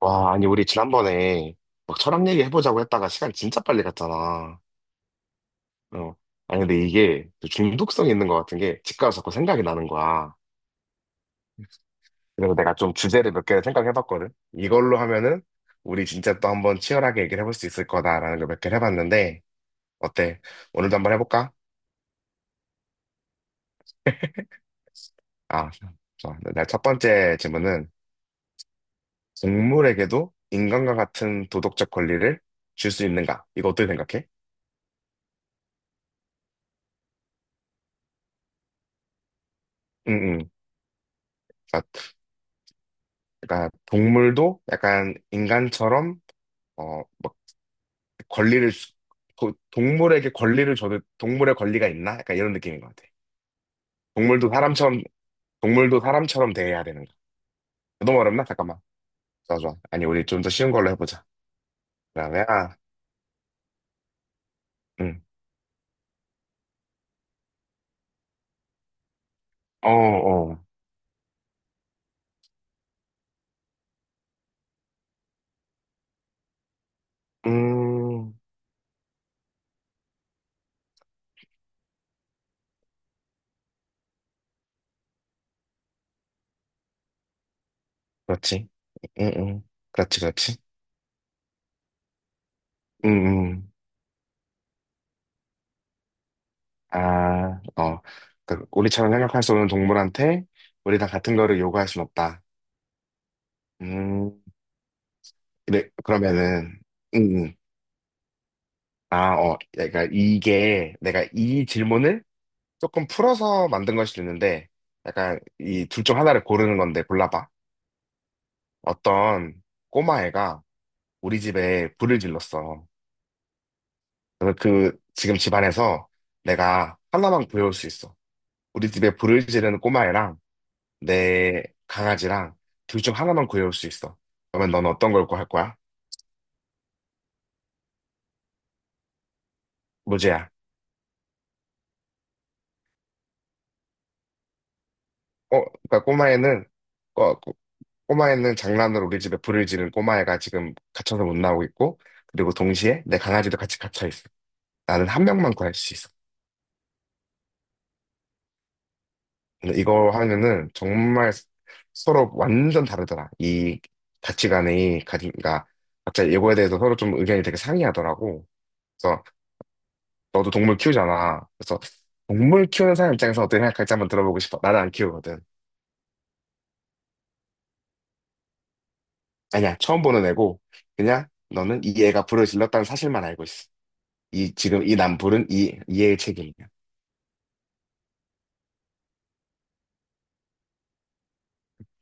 와, 아니, 우리 지난번에 막 철학 얘기 해보자고 했다가 시간 진짜 빨리 갔잖아. 어. 아니, 근데 이게 또 중독성이 있는 것 같은 게 집 가서 자꾸 생각이 나는 거야. 그래서 내가 좀 주제를 몇 개를 생각해봤거든. 이걸로 하면은 우리 진짜 또 한번 치열하게 얘기를 해볼 수 있을 거다라는 걸 몇 개를 해봤는데, 어때? 오늘도 한번 해볼까? 아, 좋아. 내첫 번째 질문은 동물에게도 인간과 같은 도덕적 권리를 줄 수 있는가? 이거 어떻게 생각해? 응, 응. 그러니까 동물도 약간 인간처럼 막 권리를 주- 동물에게 권리를 줘도 동물의 권리가 있나? 약간 이런 느낌인 것 같아. 동물도 사람처럼 동물도 사람처럼 대해야 되는 거. 너무 어렵나? 잠깐만. 좋아 좋아. 아니 우리 좀 더 쉬운 걸로 해보자. 그러면 아, 응. 어 어. 음. 그렇지. 응 응. 그렇지 그렇지. 응 응. 아 어. 그 우리처럼 생각할 수 없는 동물한테 우리 다 같은 거를 요구할 순 없다. 음. 그래, 그러면은, 음, 음. 아, 어, 그러니까 이게 내가 이 질문을 조금 풀어서 만든 걸 수도 있는데, 약간 이 둘 중 하나를 고르는 건데 골라봐. 어떤 꼬마애가 우리 집에 불을 질렀어. 그래서 그 지금 집안에서 내가 하나만 구해올 수 있어. 우리 집에 불을 지르는 꼬마애랑 내 강아지랑 둘 중 하나만 구해올 수 있어. 그러면 넌 어떤 걸 구할 거야? 무제야. 어, 그러니까 꼬마애는 장난으로 우리 집에 불을 지른 꼬마애가 지금 갇혀서 못 나오고 있고, 그리고 동시에 내 강아지도 같이 갇혀 있어. 나는 한 명만 구할 수 있어. 근데 이거 하면은 정말 서로 완전 다르더라. 이 그러니까 각자 이거에 대해서 서로 좀 의견이 되게 상이하더라고. 그래서 너도 동물 키우잖아. 그래서 동물 키우는 사람 입장에서 어떻게 생각할지 한번 들어보고 싶어. 나는 안 키우거든. 아니야, 처음 보는 애고, 그냥 너는 이 애가 불을 질렀다는 사실만 알고 있어. 이 지금 이 남불은 이 이의 책임이야.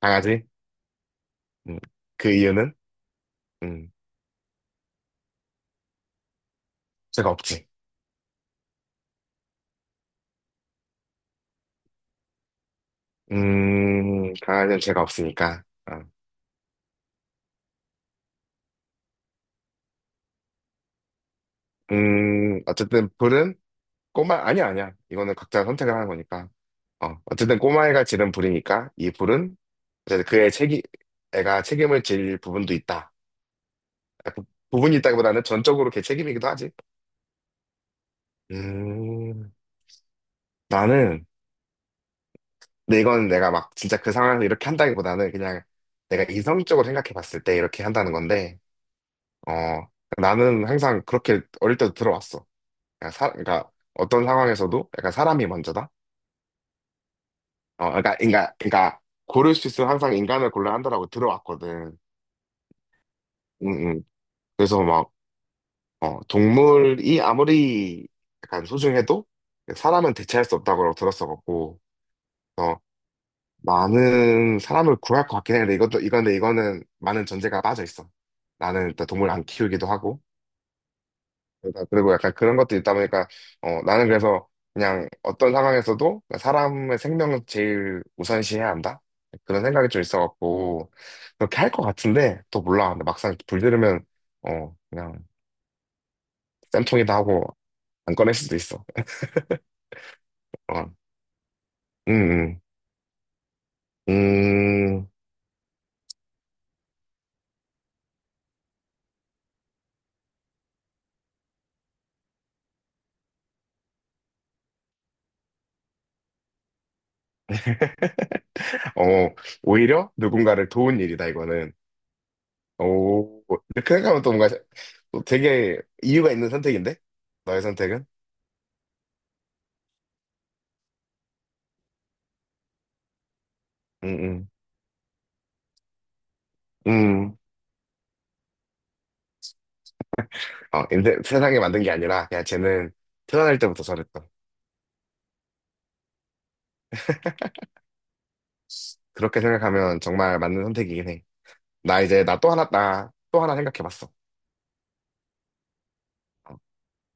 강아지? 음, 그 이유는 음, 죄가 없지. 강아지는 죄가 없으니까. 어. 어쨌든 불은 꼬마 아니야 아니야. 이거는 각자 선택을 하는 거니까. 어쨌든 꼬마애가 지른 불이니까 이 불은 어쨌든 그의 책임 애가 책임을 질 부분도 있다. 아, 부, 부분이 있다기보다는 전적으로 걔 책임이기도 하지. 음, 나는 근데 이건 내가 막 진짜 그 상황에서 이렇게 한다기보다는 그냥 내가 이성적으로 생각해 봤을 때 이렇게 한다는 건데, 어, 나는 항상 그렇게 어릴 때도 들어왔어. 그러니까 어떤 상황에서도 약간 사람이 먼저다? 그러니까 고를 수 있으면 항상 인간을 골라 한다라고 들어왔거든. 응, 응. 그래서 막, 동물이 아무리 약간 소중해도 사람은 대체할 수 없다고 들었어갖고, 많은 사람을 구할 것 같긴 해. 근데 이것도, 이건데 이거는 많은 전제가 빠져 있어. 나는 일단 동물 안 키우기도 하고. 그리고 약간 그런 것도 있다 보니까, 나는 그래서 그냥 어떤 상황에서도 사람의 생명을 제일 우선시해야 한다? 그런 생각이 좀 있어갖고, 그렇게 할 것 같은데, 또 몰라. 근데 막상 불 들으면, 그냥 쌤통이다 하고 안 꺼낼 수도 있어. 어. 음. 음. 음. 어, 오히려 누군가를 도운 일이다, 이거는. 오, 근데 그 생각하면 또 뭔가 또 되게 이유가 있는 선택인데? 너의 선택은? 음, 음. 인데, 세상에 만든 게 아니라, 야, 쟤는 태어날 때부터 저랬다. 그렇게 생각하면 정말 맞는 선택이긴 해. 나 또 하나 생각해봤어. 어.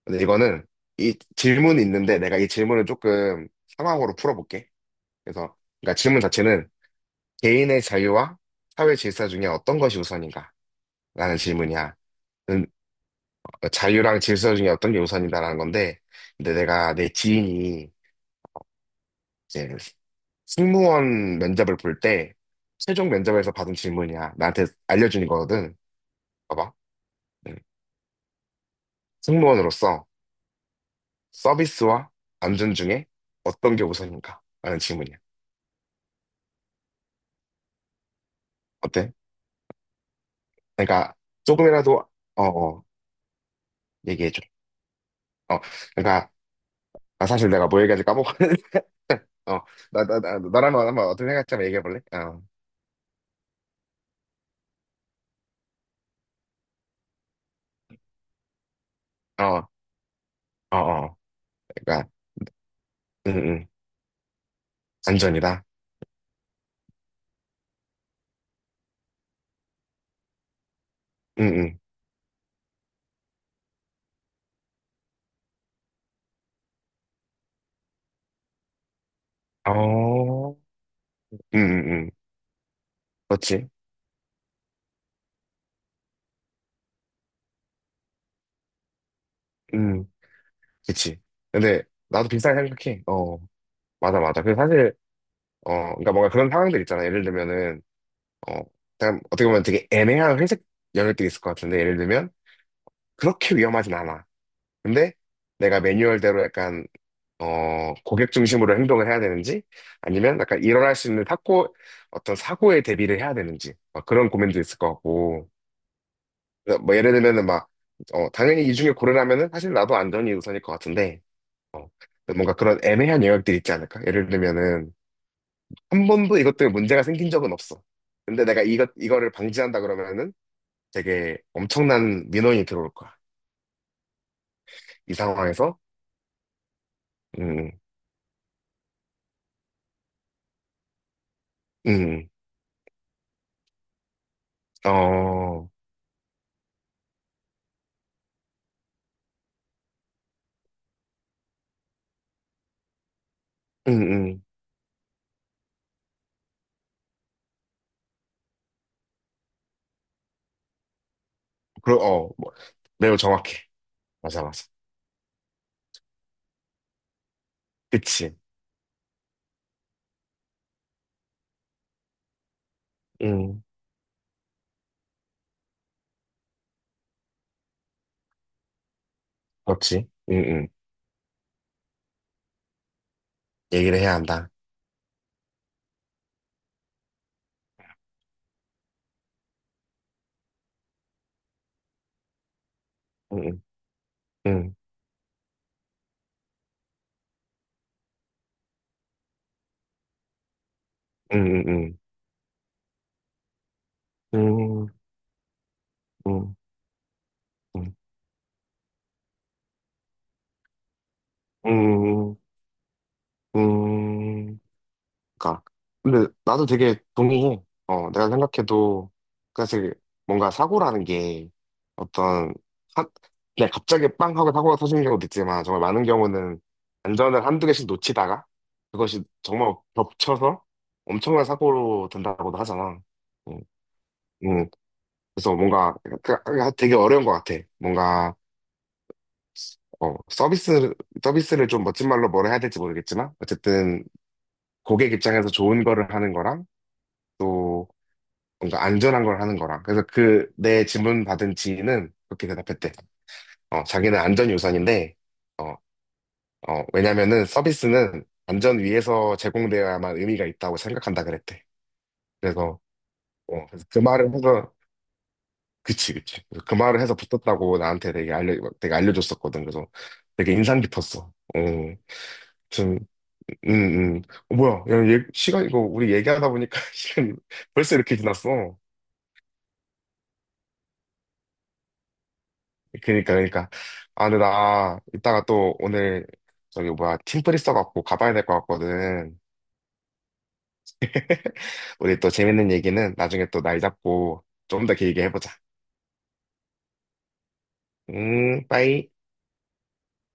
근데 이거는, 이 질문이 있는데, 내가 이 질문을 조금 상황으로 풀어볼게. 그래서, 그러니까 질문 자체는, 개인의 자유와 사회 질서 중에 어떤 것이 우선인가? 라는 질문이야. 그러니까 자유랑 질서 중에 어떤 게 우선이다라는 건데, 근데 내가 내 지인이 이제 승무원 면접을 볼 때, 최종 면접에서 받은 질문이야. 나한테 알려주는 거거든. 봐봐. 음. 승무원으로서 서비스와 안전 중에 어떤 게 우선인가? 라는 질문이야. 어때? 그러니까 조금이라도, 어, 어, 얘기해줘. 어, 그러니까, 아, 사실 내가 뭐 얘기하지 까먹었는데, 어, 나, 너라면 한번 어떻게 생각할지 한번 얘기해볼래? 어, 어, 어, 어. 그러니까, 응, 응. 안전이다. 응, 응. 어, 응, 응, 응. 그렇지. 응, 그치. 근데 나도 비슷하게 생각해. 맞아, 맞아. 그 사실, 그러니까 뭔가 그런 상황들 있잖아. 예를 들면은, 어, 그냥 어떻게 보면 되게 애매한 회색 연료등이 있을 것 같은데, 예를 들면, 그렇게 위험하진 않아. 근데 내가 매뉴얼대로 약간, 고객 중심으로 행동을 해야 되는지, 아니면 약간 일어날 수 있는 사고, 어떤 사고에 대비를 해야 되는지, 막 그런 고민도 있을 것 같고, 그래서 뭐 예를 들면은 막, 당연히 이 중에 고르라면은 사실 나도 안전이 우선일 것 같은데, 어, 뭔가 그런 애매한 영역들이 있지 않을까? 예를 들면은 한 번도 이것 때문에 문제가 생긴 적은 없어. 근데 내가 이거를 방지한다 그러면은 되게 엄청난 민원이 들어올 거야. 이 상황에서, 음, 음. 어, 음, 음, 뭐, 매우 정확해. 맞아, 맞아. 그치. 음, 그렇지. 얘기를 해야 한다. 음, 음, 음, 음, 음, 음, 음, 음. 음, 음, 그니까. 근데 나도 되게 동의해. 내가 생각해도, 그러니까 사실 뭔가 사고라는 게 어떤, 한, 그냥 갑자기 빵 하고 사고가 터지는 경우도 있지만, 정말 많은 경우는 안전을 한두 개씩 놓치다가, 그것이 정말 겹쳐서 엄청난 사고로 된다고도 하잖아. 음, 음. 그래서 뭔가 되게 어려운 것 같아. 뭔가, 어, 서비스, 서비스를 좀 멋진 말로 뭐라 해야 될지 모르겠지만, 어쨌든 고객 입장에서 좋은 거를 하는 거랑 또 뭔가 안전한 걸 하는 거랑 그래서 그 내 질문 받은 지인은 그렇게 대답했대. 자기는 안전이 우선인데 어, 왜냐면은 서비스는 안전 위에서 제공되어야만 의미가 있다고 생각한다 그랬대. 그래서 그래서 그 말을 해서 그치 그치 그래서 그 말을 해서 붙었다고 나한테 되게 알려줬었거든. 그래서 되게 인상 깊었어. 어, 좀, 음, 음. 뭐야, 야, 얘, 시간, 이거, 우리 얘기하다 보니까 시간이 벌써 이렇게 지났어. 그니까, 그니까. 아, 근데 나 이따가 또 오늘 저기 뭐야, 팀플 있어갖고 가봐야 될 것 같거든. 우리 또 재밌는 얘기는 나중에 또 날 잡고 좀 더 길게 해보자. 빠이.